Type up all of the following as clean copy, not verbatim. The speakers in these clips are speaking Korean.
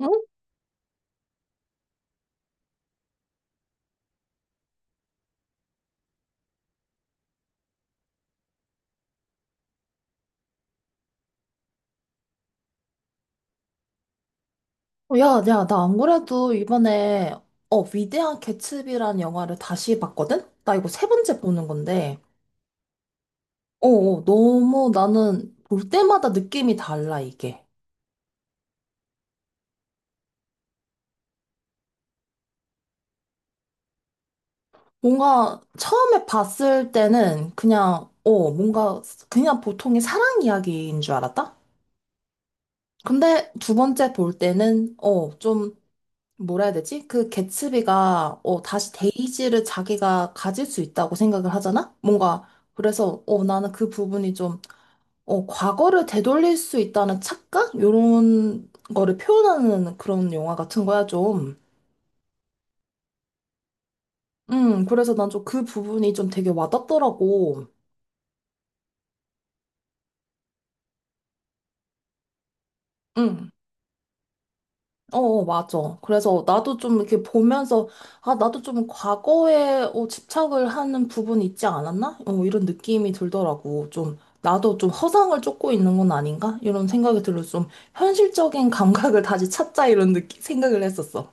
응? 야, 야, 나 안 그래도 이번에, 위대한 개츠비라는 영화를 다시 봤거든? 나 이거 세 번째 보는 건데, 너무 나는 볼 때마다 느낌이 달라, 이게. 뭔가 처음에 봤을 때는 그냥, 뭔가 그냥 보통의 사랑 이야기인 줄 알았다? 근데 두 번째 볼 때는, 좀, 뭐라 해야 되지? 그 개츠비가, 다시 데이지를 자기가 가질 수 있다고 생각을 하잖아? 뭔가, 그래서, 나는 그 부분이 좀, 과거를 되돌릴 수 있다는 착각? 요런 거를 표현하는 그런 영화 같은 거야, 좀. 그래서 난 좀 그 부분이 좀 되게 와닿더라고. 음, 맞아. 그래서 나도 좀 이렇게 보면서, 아, 나도 좀 과거에 집착을 하는 부분이 있지 않았나? 이런 느낌이 들더라고. 좀, 나도 좀 허상을 쫓고 있는 건 아닌가? 이런 생각이 들어서 좀 현실적인 감각을 다시 찾자, 이런 느낌, 생각을 했었어.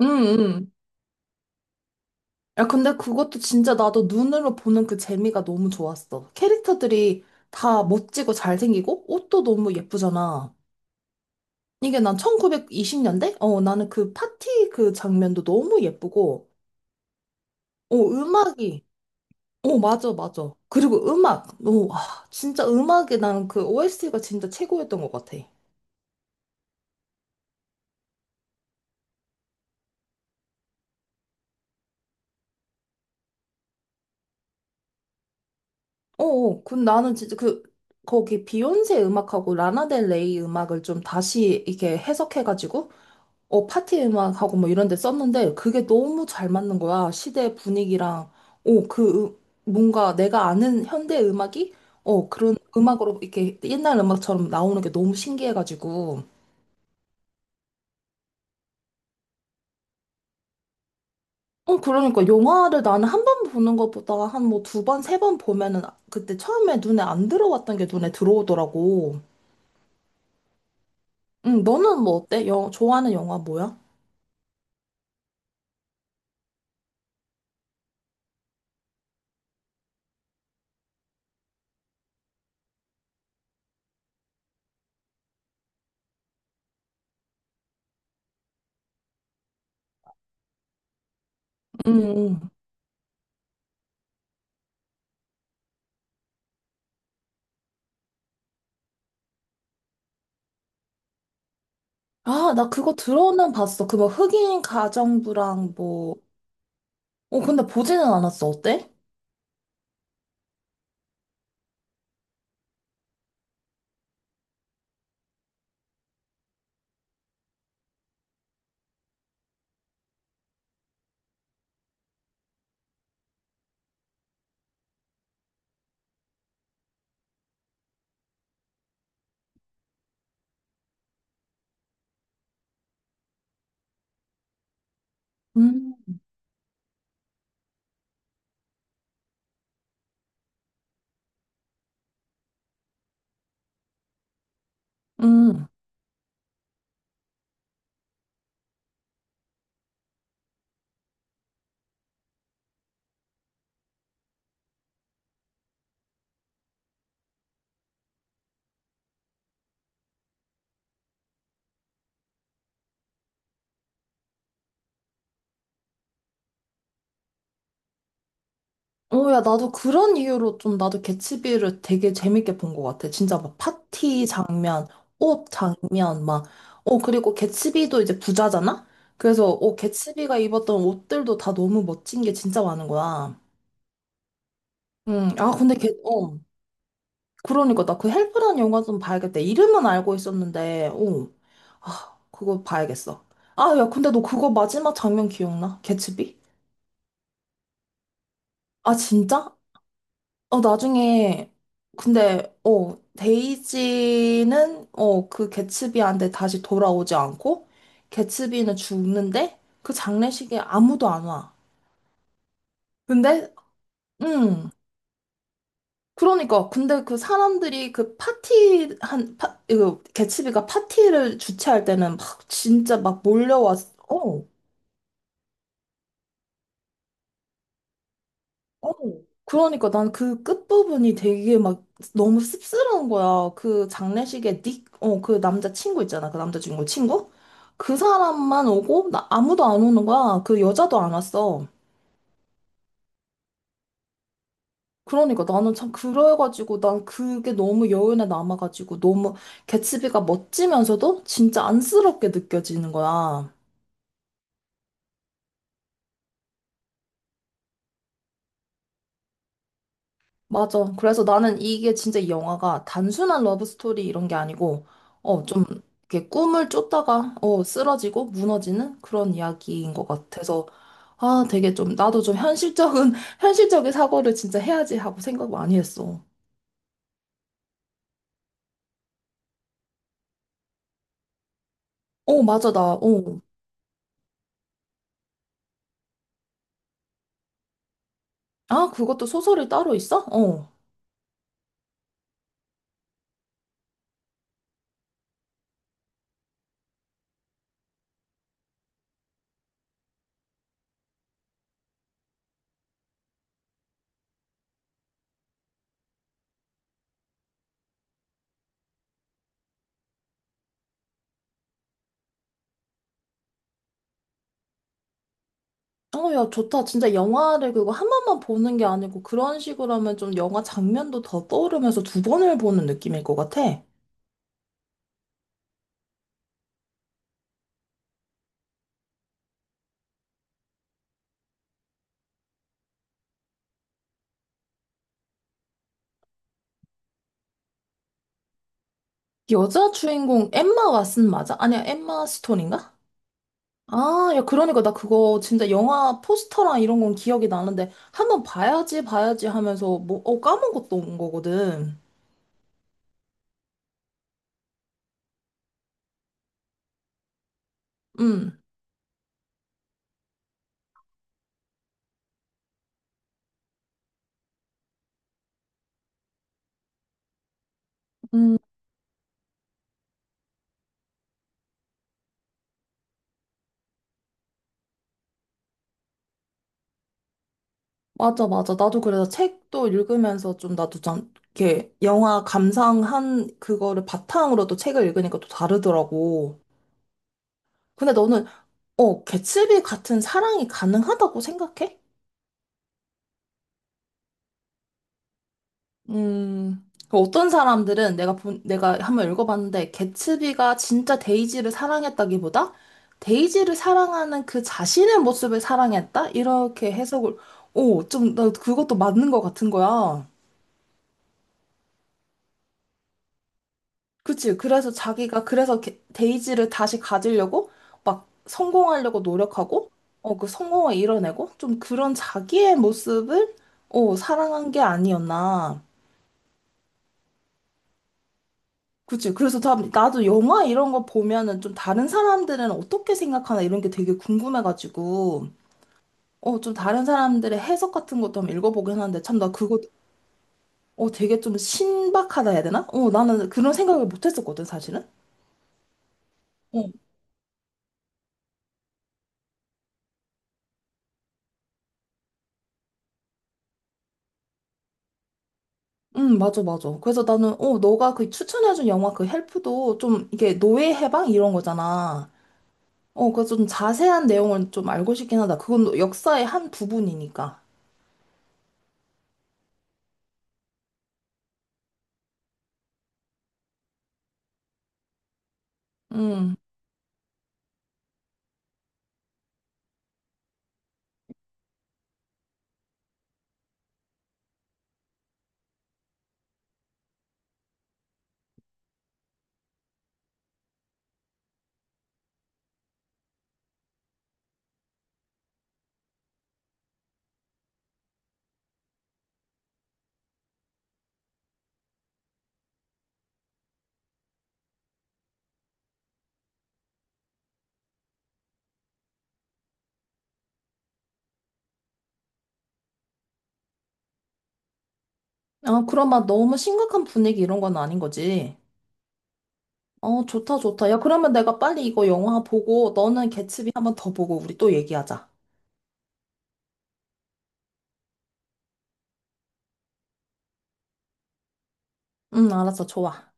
음, 음. 야, 근데 그것도 진짜 나도 눈으로 보는 그 재미가 너무 좋았어. 캐릭터들이 다 멋지고 잘생기고 옷도 너무 예쁘잖아. 이게 난 1920년대? 나는 그 파티 그 장면도 너무 예쁘고, 음악이, 맞아, 맞아. 그리고 음악, 진짜 음악이 나는 그 OST가 진짜 최고였던 것 같아. 그 나는 진짜 그, 거기 비욘세 음악하고 라나델레이 음악을 좀 다시 이렇게 해석해가지고 파티 음악하고 뭐 이런 데 썼는데 그게 너무 잘 맞는 거야. 시대 분위기랑, 오, 그, 뭔가 내가 아는 현대 음악이, 그런 음악으로 이렇게 옛날 음악처럼 나오는 게 너무 신기해가지고. 그러니까 영화를 나는 한 번 보는 것보다 한 뭐 두 번, 세 번 보면은 그때 처음에 눈에 안 들어왔던 게 눈에 들어오더라고. 응, 너는 뭐 어때? 좋아하는 영화 뭐야? 응, 응. 아, 나 그거 들어는 봤어. 그 뭐 흑인 가정부랑 뭐 근데 보지는 않았어. 어때? 음, 음. 야, 나도 그런 이유로 좀 나도 개츠비를 되게 재밌게 본 것 같아. 진짜 막 파티 장면, 옷 장면, 막. 그리고 개츠비도 이제 부자잖아? 그래서, 개츠비가 입었던 옷들도 다 너무 멋진 게 진짜 많은 거야. 아, 근데 걔. 그러니까 나 그 헬프라는 영화 좀 봐야겠다. 이름은 알고 있었는데. 아, 그거 봐야겠어. 아, 야, 근데 너 그거 마지막 장면 기억나? 개츠비? 아, 진짜? 나중에, 근데, 데이지는, 그 개츠비한테 다시 돌아오지 않고, 개츠비는 죽는데, 그 장례식에 아무도 안 와. 근데, 음, 그러니까, 근데 그 사람들이 그 파티, 이거, 개츠비가 파티를 주최할 때는 막, 진짜 막 몰려왔어. 어, 그러니까 난 그 끝부분이 되게 막 너무 씁쓸한 거야. 그 장례식에 닉, 그 남자 친구 있잖아. 그 남자 주인공 친구? 그 사람만 오고 나 아무도 안 오는 거야. 그 여자도 안 왔어. 그러니까 나는 참 그래가지고 난 그게 너무 여운에 남아가지고 너무 개츠비가 멋지면서도 진짜 안쓰럽게 느껴지는 거야. 맞아. 그래서 나는 이게 진짜 이 영화가 단순한 러브스토리 이런 게 아니고, 좀, 이렇게 꿈을 쫓다가, 쓰러지고 무너지는 그런 이야기인 것 같아서, 아, 되게 좀, 나도 좀 현실적인, 현실적인 사고를 진짜 해야지 하고 생각 많이 했어. 맞아, 나. 아, 그것도 소설이 따로 있어? 야, 좋다. 진짜 영화를 그거 한 번만 보는 게 아니고, 그런 식으로 하면 좀 영화 장면도 더 떠오르면서 두 번을 보는 느낌일 것 같아. 여자 주인공 엠마 왓슨 맞아? 아니야, 엠마 스톤인가? 아, 야, 그러니까 나 그거 진짜 영화 포스터랑 이런 건 기억이 나는데 한번 봐야지, 봐야지 하면서 뭐, 까먹었던 거거든. 음, 음, 맞아, 맞아. 나도 그래서 책도 읽으면서 좀 나도 좀 이렇게 영화 감상한 그거를 바탕으로 또 책을 읽으니까 또 다르더라고. 근데 너는, 개츠비 같은 사랑이 가능하다고 생각해? 그 어떤 사람들은 내가 본, 내가 한번 읽어봤는데, 개츠비가 진짜 데이지를 사랑했다기보다, 데이지를 사랑하는 그 자신의 모습을 사랑했다? 이렇게 해석을, 오, 좀, 나 그것도 맞는 것 같은 거야. 그치? 그래서 자기가, 그래서 데이지를 다시 가지려고, 막 성공하려고 노력하고, 그 성공을 이뤄내고, 좀 그런 자기의 모습을, 사랑한 게 아니었나. 그치. 그래서 나도 영화 이런 거 보면은 좀 다른 사람들은 어떻게 생각하나 이런 게 되게 궁금해가지고, 좀 다른 사람들의 해석 같은 것도 한번 읽어보긴 하는데, 참, 나 그거, 되게 좀 신박하다 해야 되나? 나는 그런 생각을 못 했었거든, 사실은. 어, 응, 맞아, 맞아. 그래서 나는, 너가 그 추천해준 영화 그 헬프도 좀 이게 노예 해방 이런 거잖아. 그래서 좀 자세한 내용을 좀 알고 싶긴 하다. 그건 역사의 한 부분이니까. 음. 아, 그럼 막 너무 심각한 분위기 이런 건 아닌 거지. 좋다, 좋다. 야, 그러면 내가 빨리 이거 영화 보고 너는 개츠비 한번 더 보고 우리 또 얘기하자. 응, 알았어, 좋아.